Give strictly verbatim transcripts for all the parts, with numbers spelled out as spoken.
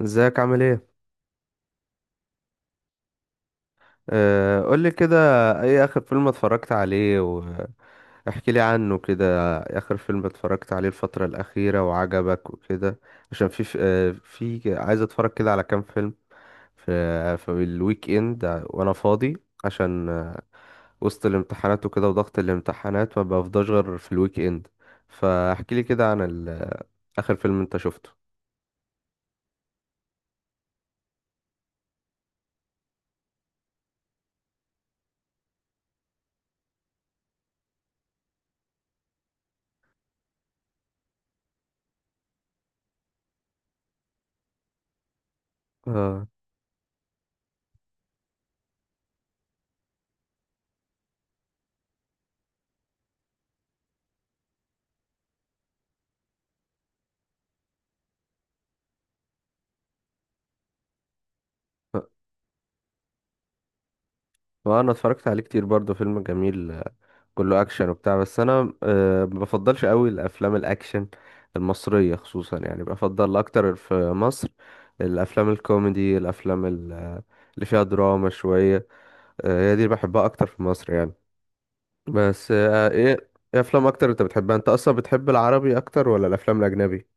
ازيك؟ عامل ايه؟ آه، قولي كده. ايه اخر فيلم اتفرجت عليه؟ واحكي لي عنه كده، اخر فيلم اتفرجت عليه الفترة الأخيرة وعجبك وكده. عشان في في آه، في- عايز اتفرج كده على كام فيلم في في الويك اند وانا فاضي. عشان آه، وسط الامتحانات وكده وضغط الامتحانات ما بفضاش غير في الويك اند. فاحكي لي كده عن ال- آخر فيلم انت شفته. اه، وانا اتفرجت عليه كتير برضه، فيلم جميل. آه، كله اكشن وبتاع، بس انا آه، ما بفضلش قوي الافلام الاكشن المصريه خصوصا. يعني بفضل اكتر في مصر الافلام الكوميدي، الافلام ال- آه، اللي فيها دراما شويه. آه، هي دي اللي بحبها اكتر في مصر يعني. بس آه، ايه ايه افلام اكتر انت بتحبها؟ انت اصلا بتحب العربي اكتر ولا الافلام الاجنبي؟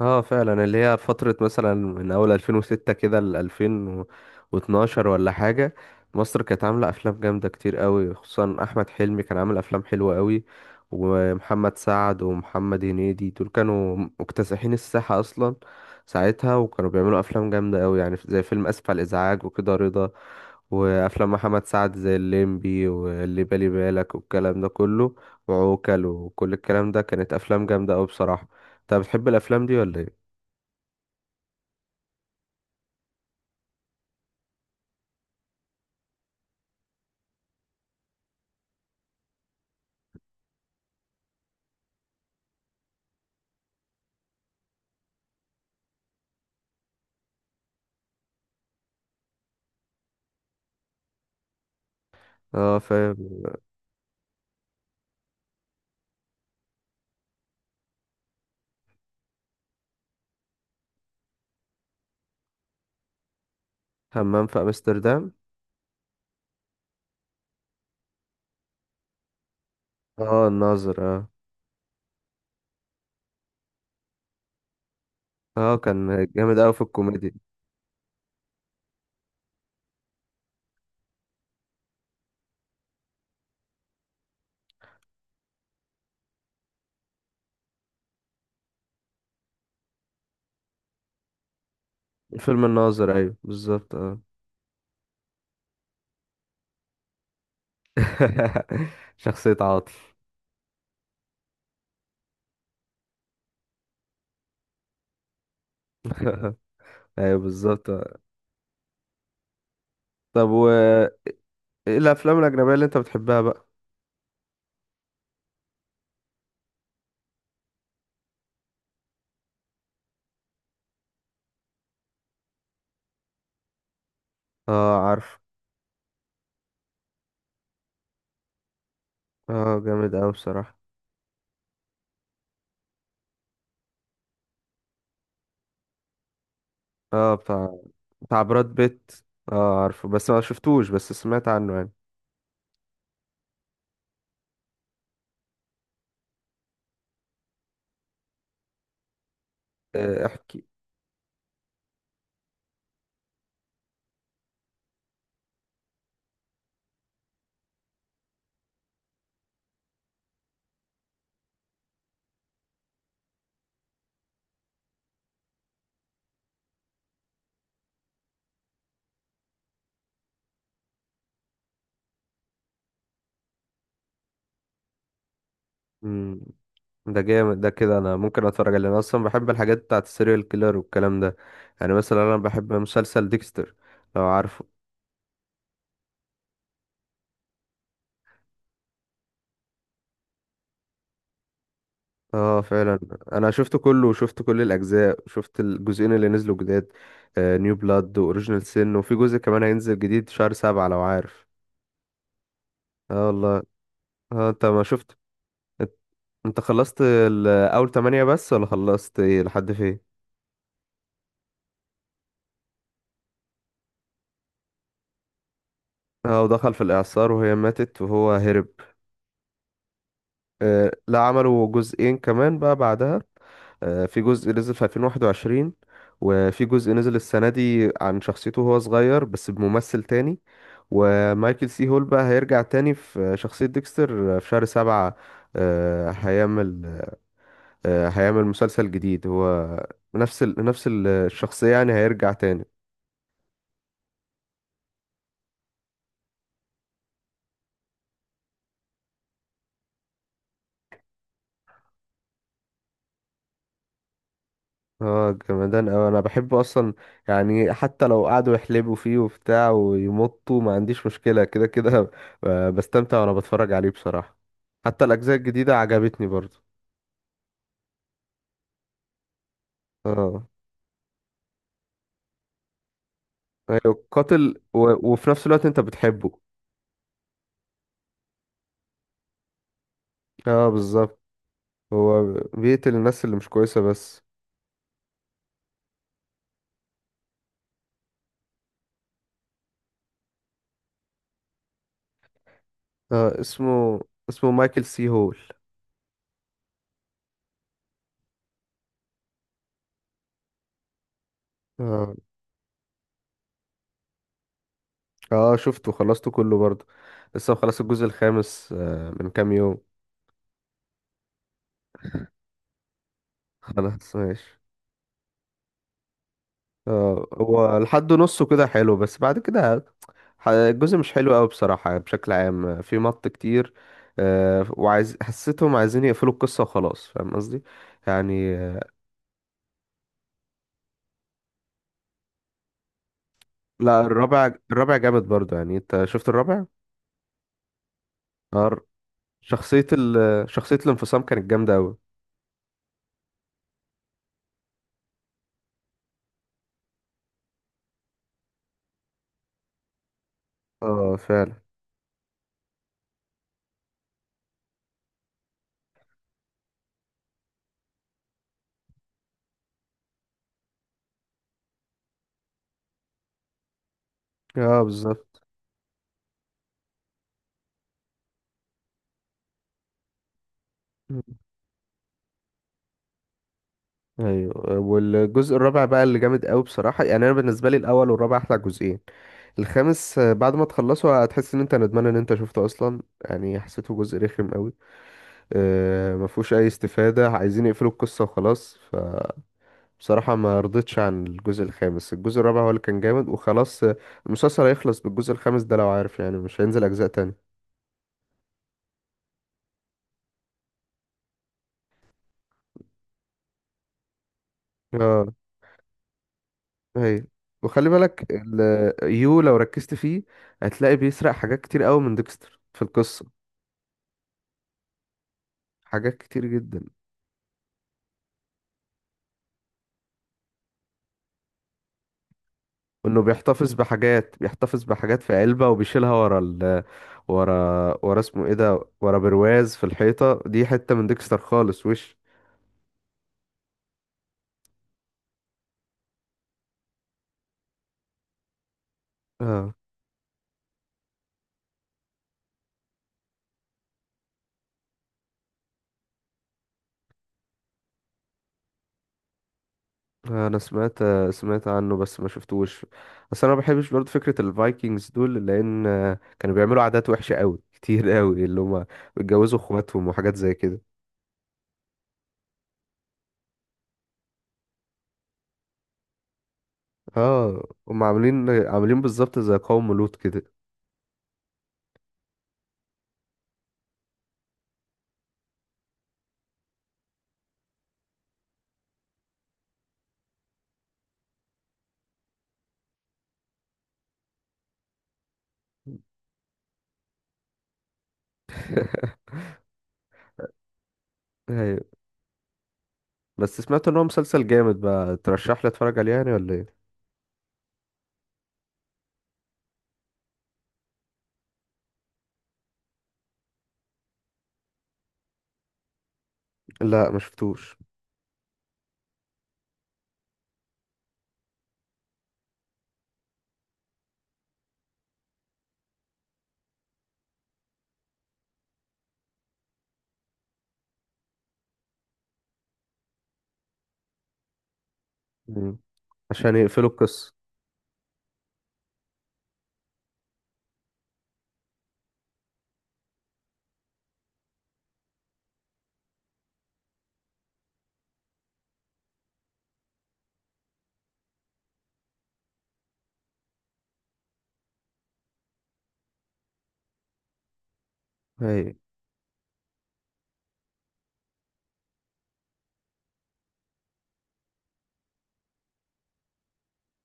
اه فعلا، اللي هي فترة مثلا من أول ألفين وستة كده ل ألفين واثناشر ولا حاجة. مصر كانت عاملة أفلام جامدة كتير قوي، خصوصا أحمد حلمي كان عامل أفلام حلوة قوي. ومحمد سعد ومحمد هنيدي دول كانوا مكتسحين الساحة أصلا ساعتها، وكانوا بيعملوا أفلام جامدة قوي يعني، زي فيلم آسف على الإزعاج وكده، رضا، وأفلام محمد سعد زي الليمبي واللي بالي بالك والكلام ده كله، وعوكل، وكل الكلام ده كانت أفلام جامدة قوي بصراحة. انت بتحب الافلام دي ولا ايه؟ اه فاهم. همام في امستردام. اه الناظر اه. اه كان جامد قوي في الكوميديا. فيلم الناظر، ايوه بالظبط اه. شخصية عاطف. ايوه بالظبط آه. طب، و ايه الافلام الاجنبية اللي انت بتحبها بقى؟ اه عارف. اه جامد قوي بصراحة. اه، بتاع بتاع براد بيت. اه عارفه بس ما شفتوش، بس سمعت عنه يعني. آه، احكي. ده جامد، ده كده انا ممكن اتفرج عليه. انا اصلا بحب الحاجات بتاعت السيريال كيلر والكلام ده. يعني مثلا انا بحب مسلسل ديكستر، لو عارفه. اه فعلا. انا شفت كله وشفت كل الاجزاء، شفت الجزئين اللي نزلوا جداد، نيو بلاد واوريجينال سين. وفي جزء كمان هينزل جديد شهر سبعة لو عارف. اه والله. اه انت ما شفت؟ انت، أنت خلصت ال- اول تمانية بس ولا خلصت إيه؟ لحد فين؟ اه ودخل في الاعصار وهي ماتت وهو هرب. آه لا، عملوا جزئين كمان بقى بعدها. آه، في جزء نزل في ألفين وواحد وعشرين، وفي جزء نزل السنة دي عن شخصيته وهو صغير بس بممثل تاني. ومايكل سي هول بقى هيرجع تاني في شخصية ديكستر في شهر سبعة. آه، هيعمل آه، هيعمل مسلسل جديد هو، نفس ال... نفس الشخصية يعني، هيرجع تاني. اه جمدان اوي، انا بحبه اصلا. يعني حتى لو قعدوا يحلبوا فيه وبتاع ويمطوا، ما عنديش مشكلة كده كده. آه، بستمتع وانا بتفرج عليه بصراحة. حتى الاجزاء الجديدة عجبتني برضو. اه. ايوه قاتل و... وفي نفس الوقت انت بتحبه. اه بالظبط. هو بيقتل الناس اللي مش كويسة بس. آه اسمه، اسمه مايكل سي هول. اه. اه شفته، خلصته كله برضو. لسه خلص الجزء الخامس آه من كام يوم. خلاص ماشي. اه هو لحد نصه كده حلو، بس بعد كده ح- الجزء مش حلو قوي بصراحة، بشكل عام في مط كتير. آه، وعايز، حسيتهم عايزين يقفلوا القصة وخلاص، فاهم قصدي؟ يعني آه، لا، الرابع الرابع جامد برضو، يعني انت شفت الرابع؟ اه الر- شخصية ال شخصية الانفصام كانت جامدة قوي. اه فعلا. اه بالظبط. مم. ايوه، والجزء الرابع بقى اللي جامد قوي بصراحة. يعني انا بالنسبة لي الاول والرابع احلى جزئين. الخامس آه، بعد ما تخلصه هتحس ان انت ندمان ان انت شفته اصلا، يعني حسيته جزء رخم قوي. آه، ما فيهوش اي استفادة، عايزين يقفلوا القصة وخلاص. فبصراحة ما رضيتش عن الجزء الخامس، الجزء الرابع هو اللي كان جامد وخلاص. آه، المسلسل هيخلص بالجزء الخامس ده لو عارف، يعني مش هينزل اجزاء تاني. اه. هي. وخلي بالك ال- يو لو ركزت فيه، هتلاقي بيسرق حاجات كتير قوي من ديكستر في القصة، حاجات كتير جدا. انه بيحتفظ بحاجات، بيحتفظ بحاجات في علبة وبيشيلها ورا ال ورا، ورا اسمه ايه ده، ورا برواز في الحيطة، دي حتة من ديكستر خالص وش. اه انا سمعت سمعت عنه بس ما شفتوش. بس انا ما بحبش برضه فكرة الفايكنجز دول، لان آه، كانوا بيعملوا عادات وحشة قوي كتير قوي، اللي هما بيتجوزوا اخواتهم وحاجات زي كده. اه هم عاملين عاملين بالظبط زي قوم لوط كده. ايوه، بس سمعت ان هو مسلسل جامد بقى، ترشح لي اتفرج عليه يعني ولا ايه؟ لا ما شفتوش. مم. عشان يقفلوا القصة. اي.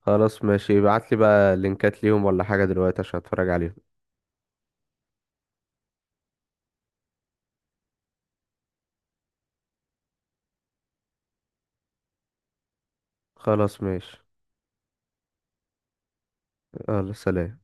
خلاص ماشي، ابعت لي بقى لينكات ليهم ولا حاجة دلوقتي عشان اتفرج عليهم. خلاص ماشي. يلا سلام.